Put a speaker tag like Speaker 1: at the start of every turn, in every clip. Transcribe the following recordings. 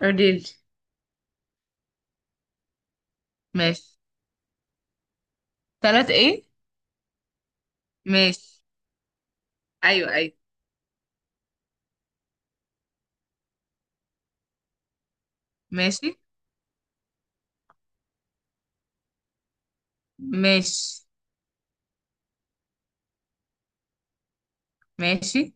Speaker 1: قوليلي. ماشي. تلات ايه؟ ماشي. ايوه ايوه. ماشي. ماشي. ماشي.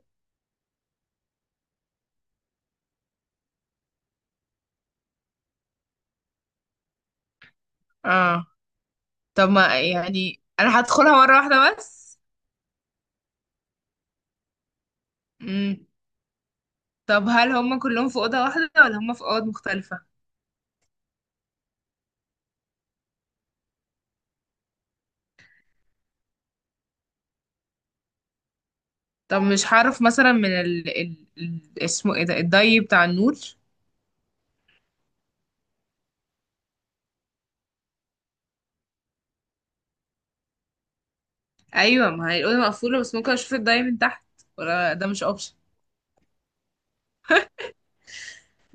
Speaker 1: اه. طب ما يعني انا هدخلها مرة واحدة بس. مم. طب هل هم كلهم في أوضة واحدة ولا هم في أوض مختلفة؟ طب مش هعرف مثلا من اسمه ايه ده، الضي بتاع النور؟ ايوه، ما هي الأوضة مقفولة، بس ممكن اشوف الضي من تحت، ولا ده مش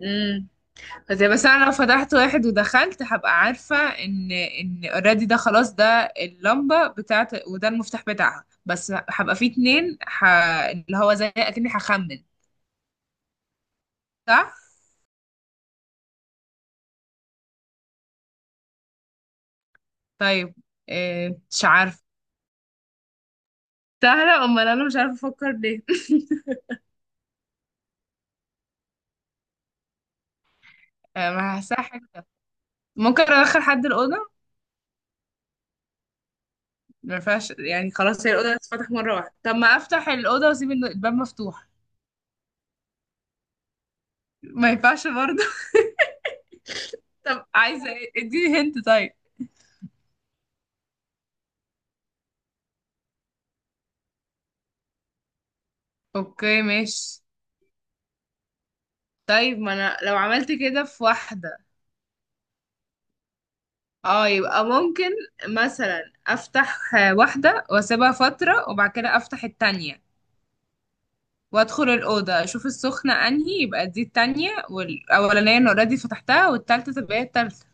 Speaker 1: اوبشن؟ زي، بس انا لو فتحت واحد ودخلت هبقى عارفه ان اوريدي ده خلاص، ده اللمبه بتاعت وده المفتاح بتاعها، بس هبقى في اتنين اللي هو زي اكني هخمن، صح؟ طيب. إيه، مش عارفه. سهله؟ امال انا مش عارفه افكر ليه؟ ما هحسها حاجه. ممكن ادخل حد الاوضه؟ ما ينفعش يعني؟ خلاص، هي الاوضه هتتفتح مره واحده، طب ما افتح الاوضه واسيب الباب مفتوح. ما ينفعش برضه؟ طب عايزه إيه؟ اديني هنت طيب. اوكي ماشي. طيب، ما انا لو عملت كده في واحدة، اه، يبقى ممكن مثلا افتح واحدة واسيبها فترة وبعد كده افتح التانية وادخل الأوضة اشوف السخنة انهي، يبقى دي التانية، والاولانية انا اوريدي فتحتها، والتالتة تبقى هي التالتة.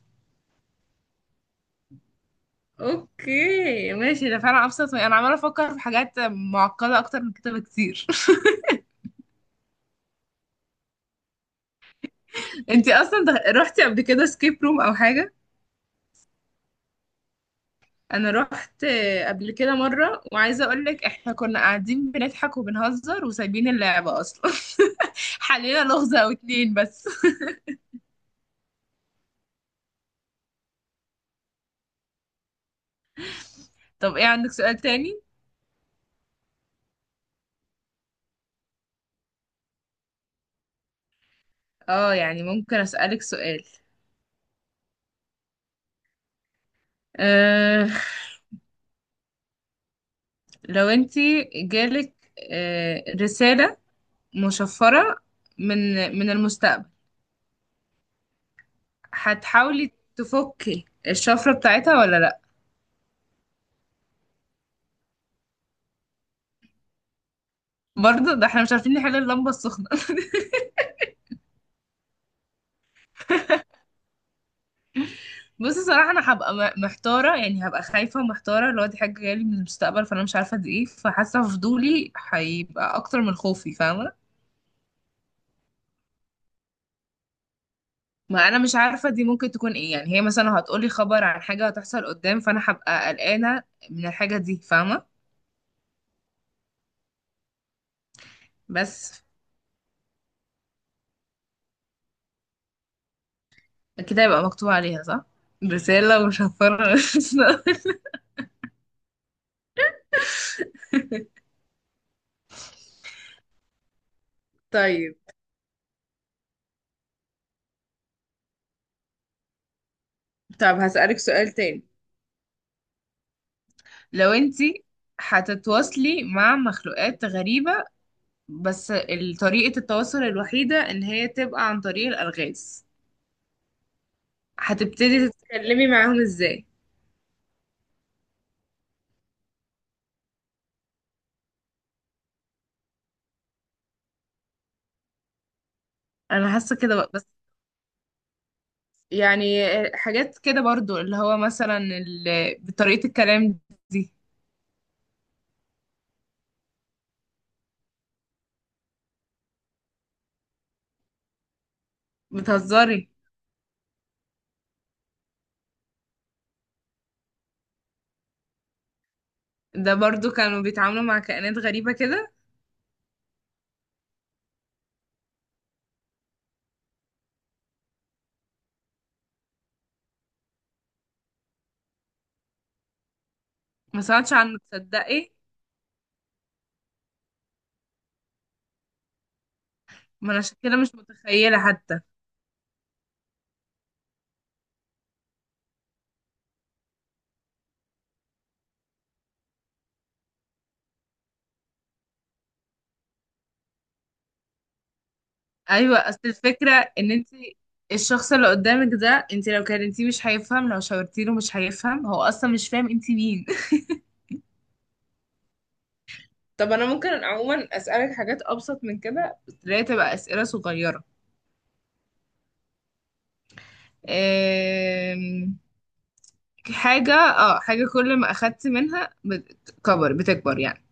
Speaker 1: اوكي ماشي، ده فعلا ابسط انا عمالة افكر في حاجات معقدة اكتر من كده بكتير. انتي اصلا روحتي قبل كده سكيب روم او حاجة؟ انا رحت قبل كده مره، وعايزه اقول لك احنا كنا قاعدين بنضحك وبنهزر وسايبين اللعبه اصلا. حلينا لغزه او اتنين بس. طب ايه، عندك سؤال تاني؟ اه يعني، ممكن اسالك سؤال. أه لو انتي جالك رساله مشفره من من المستقبل، هتحاولي تفكي الشفره بتاعتها ولا لا؟ برضه ده احنا مش عارفين نحل اللمبه السخنه. بصي، صراحة أنا هبقى محتارة يعني، هبقى خايفة ومحتارة، اللي هو دي حاجة جاية لي من المستقبل، فأنا مش عارفة دي إيه، فحاسة فضولي هيبقى أكتر من خوفي. فاهمة؟ ما أنا مش عارفة دي ممكن تكون إيه، يعني هي مثلا هتقولي خبر عن حاجة هتحصل قدام، فأنا هبقى قلقانة من الحاجة دي. فاهمة؟ بس كده يبقى مكتوب عليها، صح؟ رسالة وشفرة. طيب. طب هسألك سؤال تاني. لو انتي هتتواصلي مع مخلوقات غريبة، بس طريقة التواصل الوحيدة ان هي تبقى عن طريق الألغاز، هتبتدي تتكلمي معاهم ازاي؟ انا حاسة كده بقى. بس يعني، حاجات كده برضو، اللي هو مثلا بطريقة الكلام دي. بتهزري؟ ده برضو كانوا بيتعاملوا مع كائنات غريبة كده. ما سمعتش عنه تصدقي. ما انا عشان كده مش متخيلة حتى. ايوه، اصل الفكرة ان انت، الشخص اللي قدامك ده، انت لو كلمتيه مش هيفهم، لو شاورتيله مش هيفهم، هو اصلا مش فاهم انت مين. طب انا ممكن عموما اسالك حاجات ابسط من كده، بس اللي هي تبقى اسئله صغيره. أم... حاجه كل ما اخدت منها بتكبر بتكبر يعني.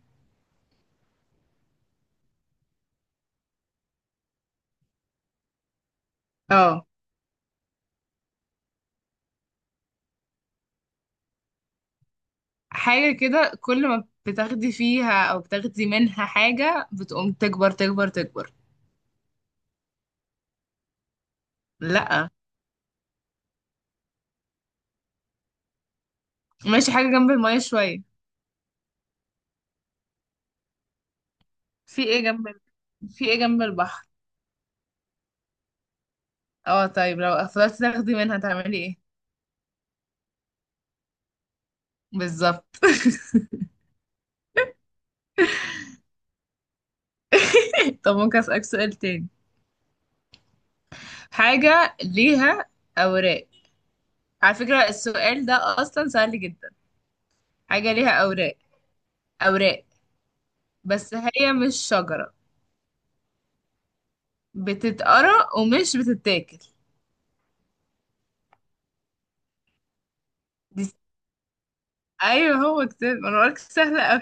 Speaker 1: اه، حاجه كده كل ما بتاخدي فيها او بتاخدي منها حاجه بتقوم تكبر تكبر تكبر. لا. ماشي، حاجه جنب الميه شويه. في ايه جنب ال- في ايه جنب البحر؟ اه طيب، لو فضلتي تاخدي منها تعملي ايه؟ بالظبط. طب ممكن اسالك سؤال تاني. حاجة ليها أوراق. على فكرة السؤال ده أصلا سهل جدا. حاجة ليها أوراق، أوراق، بس هي مش شجرة، بتتقرأ ومش بتتاكل. دي س- أيوه هو كتاب، أنا بقولك سهلة أوي.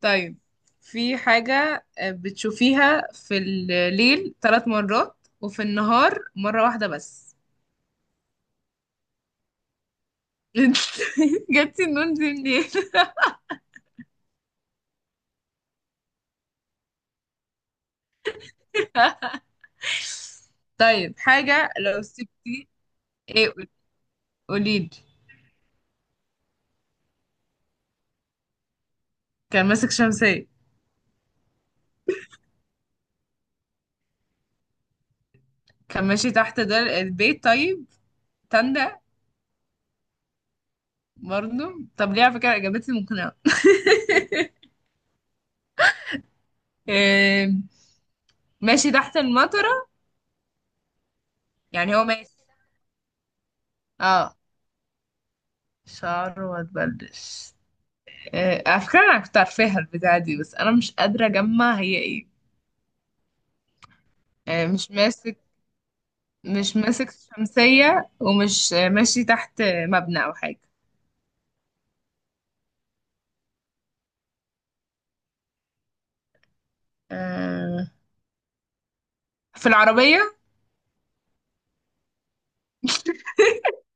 Speaker 1: طيب، في حاجة بتشوفيها في الليل 3 مرات وفي النهار مرة واحدة بس. انت جبتي النون دي منين؟ طيب، حاجة لو سبت... ايه؟ قوليلي. كان ماسك شمسية؟ كان ماشي تحت دار البيت طيب. تندى. برضه؟ طب ليه؟ على فكرة إجابتي مقنعة. آم، ماشي تحت المطرة، يعني هو ماشي. اه، شعره ما تبلش. على فكرة أنا كنت عارفاها البتاعة دي، بس أنا مش قادرة أجمع هي إيه. آه، مش ماسك مش ماسك شمسية، ومش ماشي تحت مبنى أو حاجة. آه، في العربية.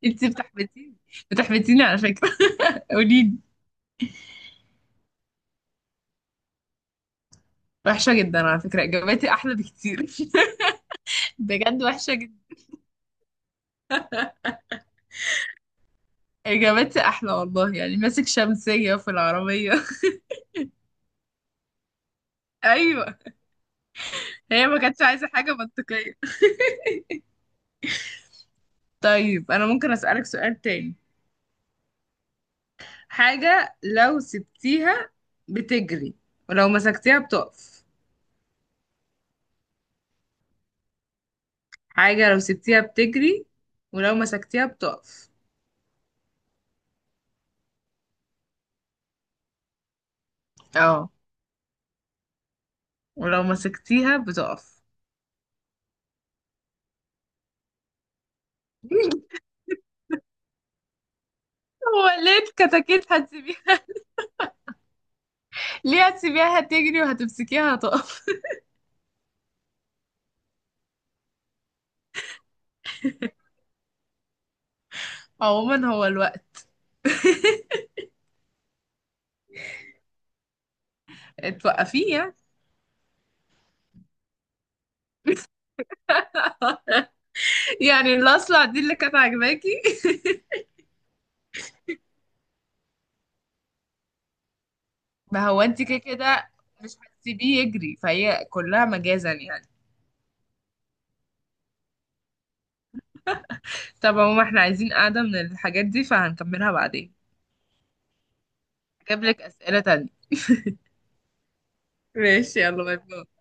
Speaker 1: انتي بتحبتيني، بتحبتيني على فكرة. قوليلي. وحشة جدا، على فكرة إجاباتي أحلى بكتير. بجد وحشة جدا. إجابتي أحلى والله، يعني ماسك شمسية في العربية. أيوة. هي ما كانتش عايزة حاجة منطقية. طيب، أنا ممكن أسألك سؤال تاني. حاجة لو سبتيها بتجري، ولو مسكتيها بتقف. حاجة لو سبتيها بتجري، ولو مسكتيها بتقف. اه، ولو مسكتيها بتقف. هو ليه الكتاكيت هتسيبيها؟ ليه هتسيبيها هتجري وهتمسكيها هتقف؟ عموما هو الوقت، توقفيه يعني. يعني الاصلع دي اللي كانت عاجباكي؟ ما هو انت كده كده مش هتسيبيه يجري، فهي كلها مجازا يعني. طب عموما احنا عايزين قاعدة من الحاجات دي، فهنكملها بعدين. جاب لك أسئلة تانية. ماشي، يلا. باي باي.